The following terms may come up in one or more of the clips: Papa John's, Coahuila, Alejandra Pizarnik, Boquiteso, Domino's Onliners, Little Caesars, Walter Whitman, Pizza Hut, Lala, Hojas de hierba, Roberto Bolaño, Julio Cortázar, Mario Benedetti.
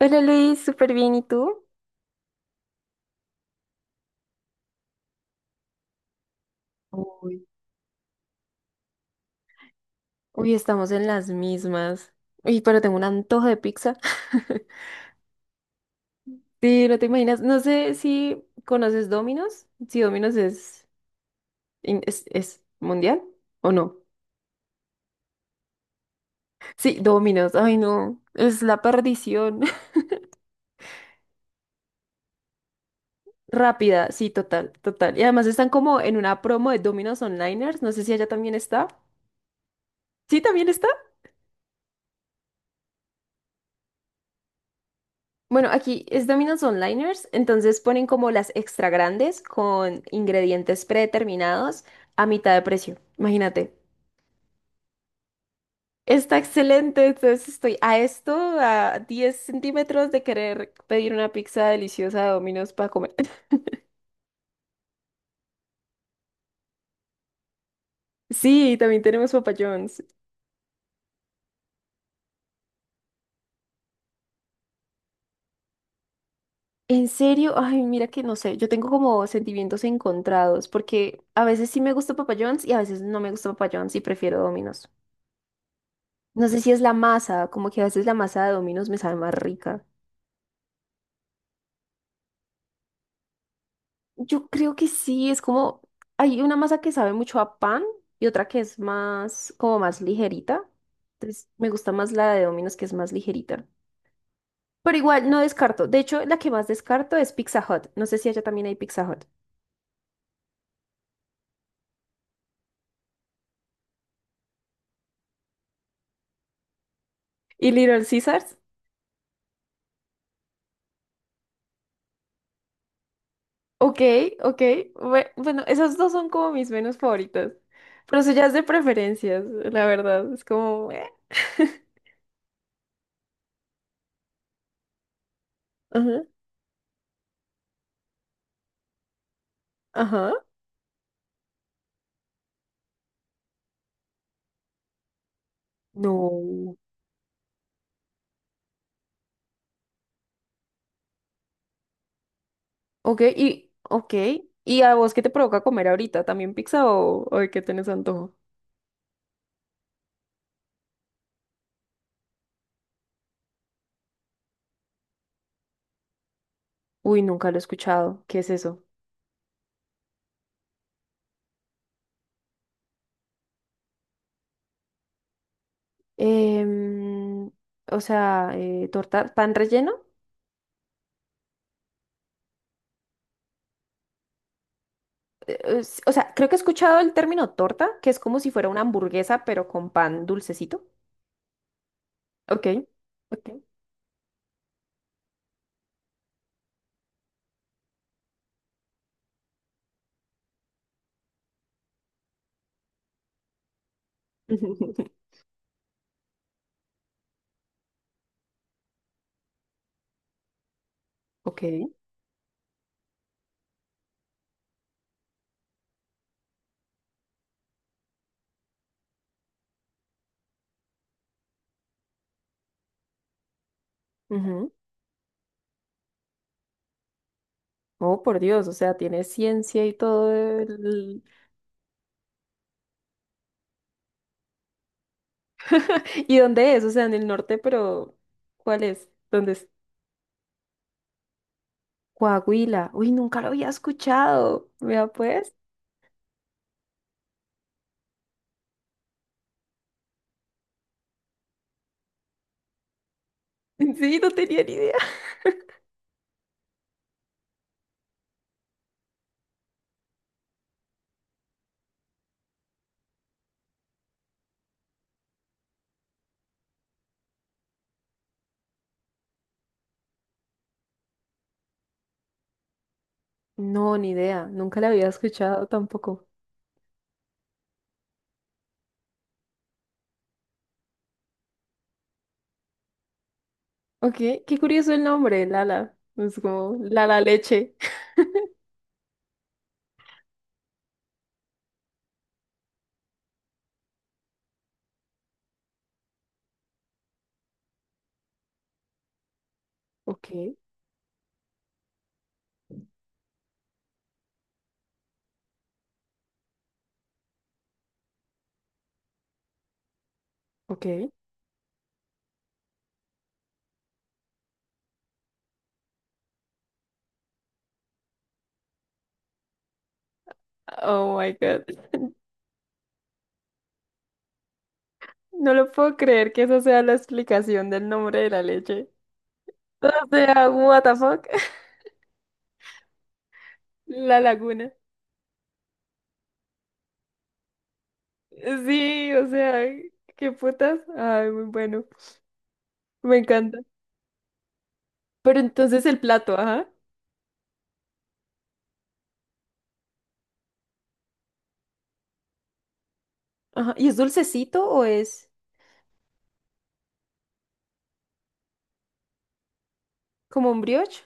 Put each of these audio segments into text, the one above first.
Hola Luis, súper bien, ¿y tú? Uy. Uy, estamos en las mismas. Uy, pero tengo un antojo de pizza. Sí, no te imaginas. No sé si conoces Domino's, si Domino's es, es mundial o no. Sí, Domino's, ay no, es la perdición. Rápida, sí, total, total. Y además están como en una promo de Domino's Onliners, no sé si allá también está. Sí, también está. Bueno, aquí es Domino's Onliners, entonces ponen como las extra grandes con ingredientes predeterminados a mitad de precio. Imagínate. Está excelente, entonces estoy a esto, a 10 centímetros de querer pedir una pizza deliciosa de Domino's para comer. Sí, también tenemos Papa John's. En serio, ay, mira que no sé, yo tengo como sentimientos encontrados, porque a veces sí me gusta Papa John's y a veces no me gusta Papa John's y prefiero Domino's. No sé si es la masa, como que a veces la masa de Domino's me sabe más rica. Yo creo que sí, es como, hay una masa que sabe mucho a pan y otra que es más, como más ligerita. Entonces, me gusta más la de Domino's que es más ligerita. Pero igual, no descarto. De hecho, la que más descarto es Pizza Hut. No sé si allá también hay Pizza Hut. ¿Y Little Caesars? Ok, ok. Bueno, esas dos son como mis menos favoritas. Pero eso ya es de preferencias, la verdad. Es como. Ajá. Ajá. No. Ok, y, ok. ¿Y a vos qué te provoca comer ahorita? ¿También pizza o de qué tenés antojo? Uy, nunca lo he escuchado. ¿Qué es eso? Em, o sea, torta, pan relleno. O sea, creo que he escuchado el término torta, que es como si fuera una hamburguesa, pero con pan dulcecito. Ok, ok. Ok. Ujú. Oh, por Dios, o sea, tiene ciencia y todo el- ¿Y dónde es? O sea, en el norte, pero ¿cuál es? ¿Dónde es? Coahuila. Uy, nunca lo había escuchado. Vea pues. Sí, no tenía ni idea. No, ni idea. Nunca la había escuchado tampoco. Ok, qué curioso el nombre, Lala. Es como Lala Leche. Ok, ok. Oh my God. No lo puedo creer que esa sea la explicación del nombre de la leche. O sea, what the fuck. La laguna. Sí, o sea, qué putas. Ay, muy bueno. Me encanta. Pero entonces el plato, ajá. Ajá. ¿Y es dulcecito o es? ¿Como un brioche?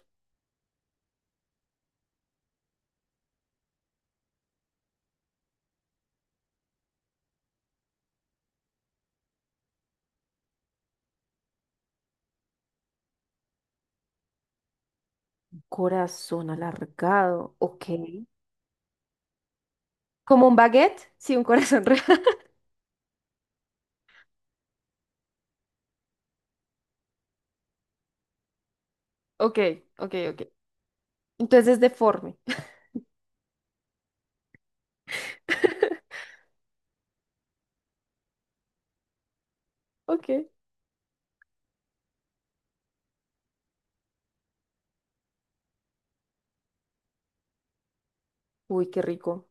Corazón alargado, ok. ¿Como un baguette? Sí, un corazón real. Ok, ok, ok. Entonces es deforme. Ok. Uy, qué rico.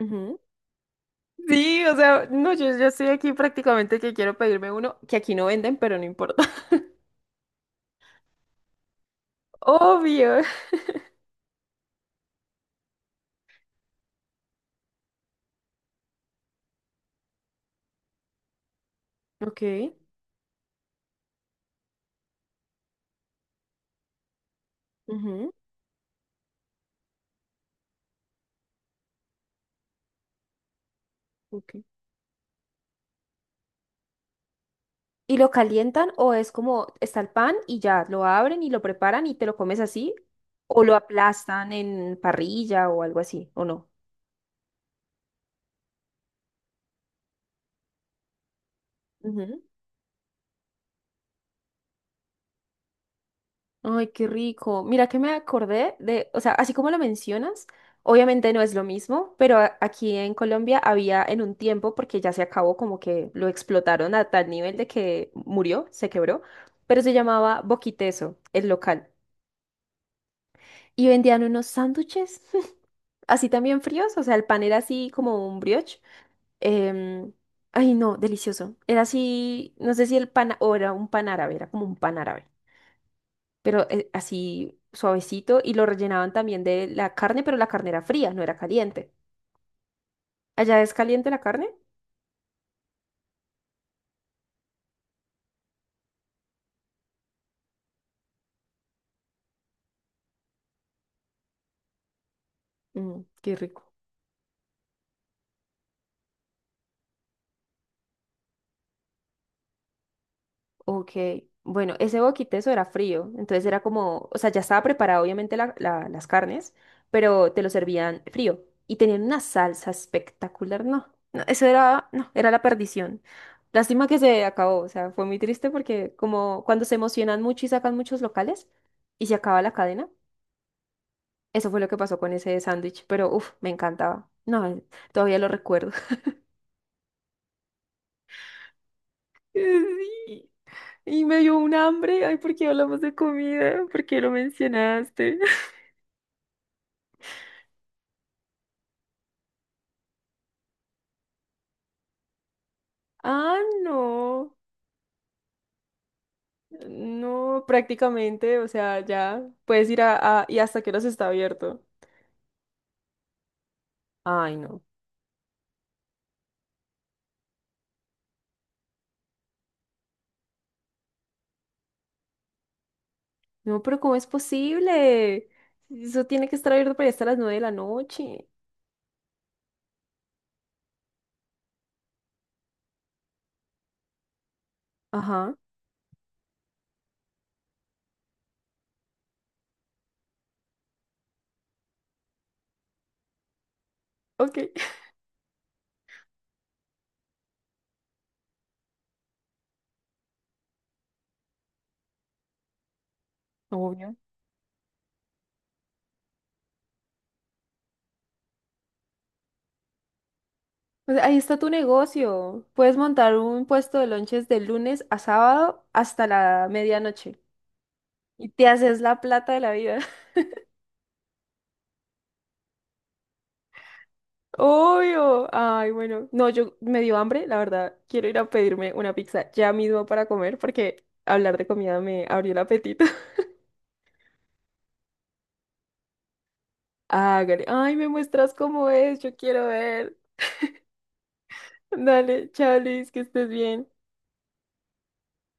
Ujú. Sí, o sea, no, yo estoy aquí prácticamente que quiero pedirme uno que aquí no venden, pero no importa. Obvio. Ok. Ujú, ok. ¿Y lo calientan o es como está el pan y ya lo abren y lo preparan y te lo comes así? ¿O lo aplastan en parrilla o algo así? ¿O no? Ay, qué rico. Mira que me acordé de, o sea, así como lo mencionas, obviamente no es lo mismo, pero aquí en Colombia había en un tiempo, porque ya se acabó, como que lo explotaron a tal nivel de que murió, se quebró, pero se llamaba Boquiteso, el local. Y vendían unos sándwiches así también fríos, o sea, el pan era así como un brioche. em, Ay, no, delicioso. Era así, no sé si el pan, o era un pan árabe, era como un pan árabe pero así suavecito y lo rellenaban también de la carne, pero la carne era fría, no era caliente. ¿Allá es caliente la carne? Mm, qué rico. Ok, bueno, ese boquiteso era frío, entonces era como, o sea, ya estaba preparado obviamente las carnes, pero te lo servían frío y tenían una salsa espectacular, no, no, eso era, no, era la perdición. Lástima que se acabó, o sea, fue muy triste porque como cuando se emocionan mucho y sacan muchos locales y se acaba la cadena. Eso fue lo que pasó con ese sándwich, pero uff, me encantaba. No, todavía lo recuerdo. Sí, y me dio un hambre. Ay, ¿por qué hablamos de comida? ¿Por qué lo mencionaste? Ah, no. No, prácticamente, o sea, ya puedes ir y hasta que hora se está abierto. Ay, no. No, pero ¿cómo es posible? Eso tiene que estar abierto para allá hasta las 9 de la noche. Ajá. Ok. Obvio. Pues ahí está tu negocio. Puedes montar un puesto de lonches de lunes a sábado hasta la medianoche. Y te haces la plata de la vida. Obvio. Ay, bueno. No, yo me dio hambre, la verdad. Quiero ir a pedirme una pizza ya mismo para comer porque hablar de comida me abrió el apetito. Hágale. Ay, me muestras cómo es. Yo quiero ver. Dale, chao, Luis, que estés bien.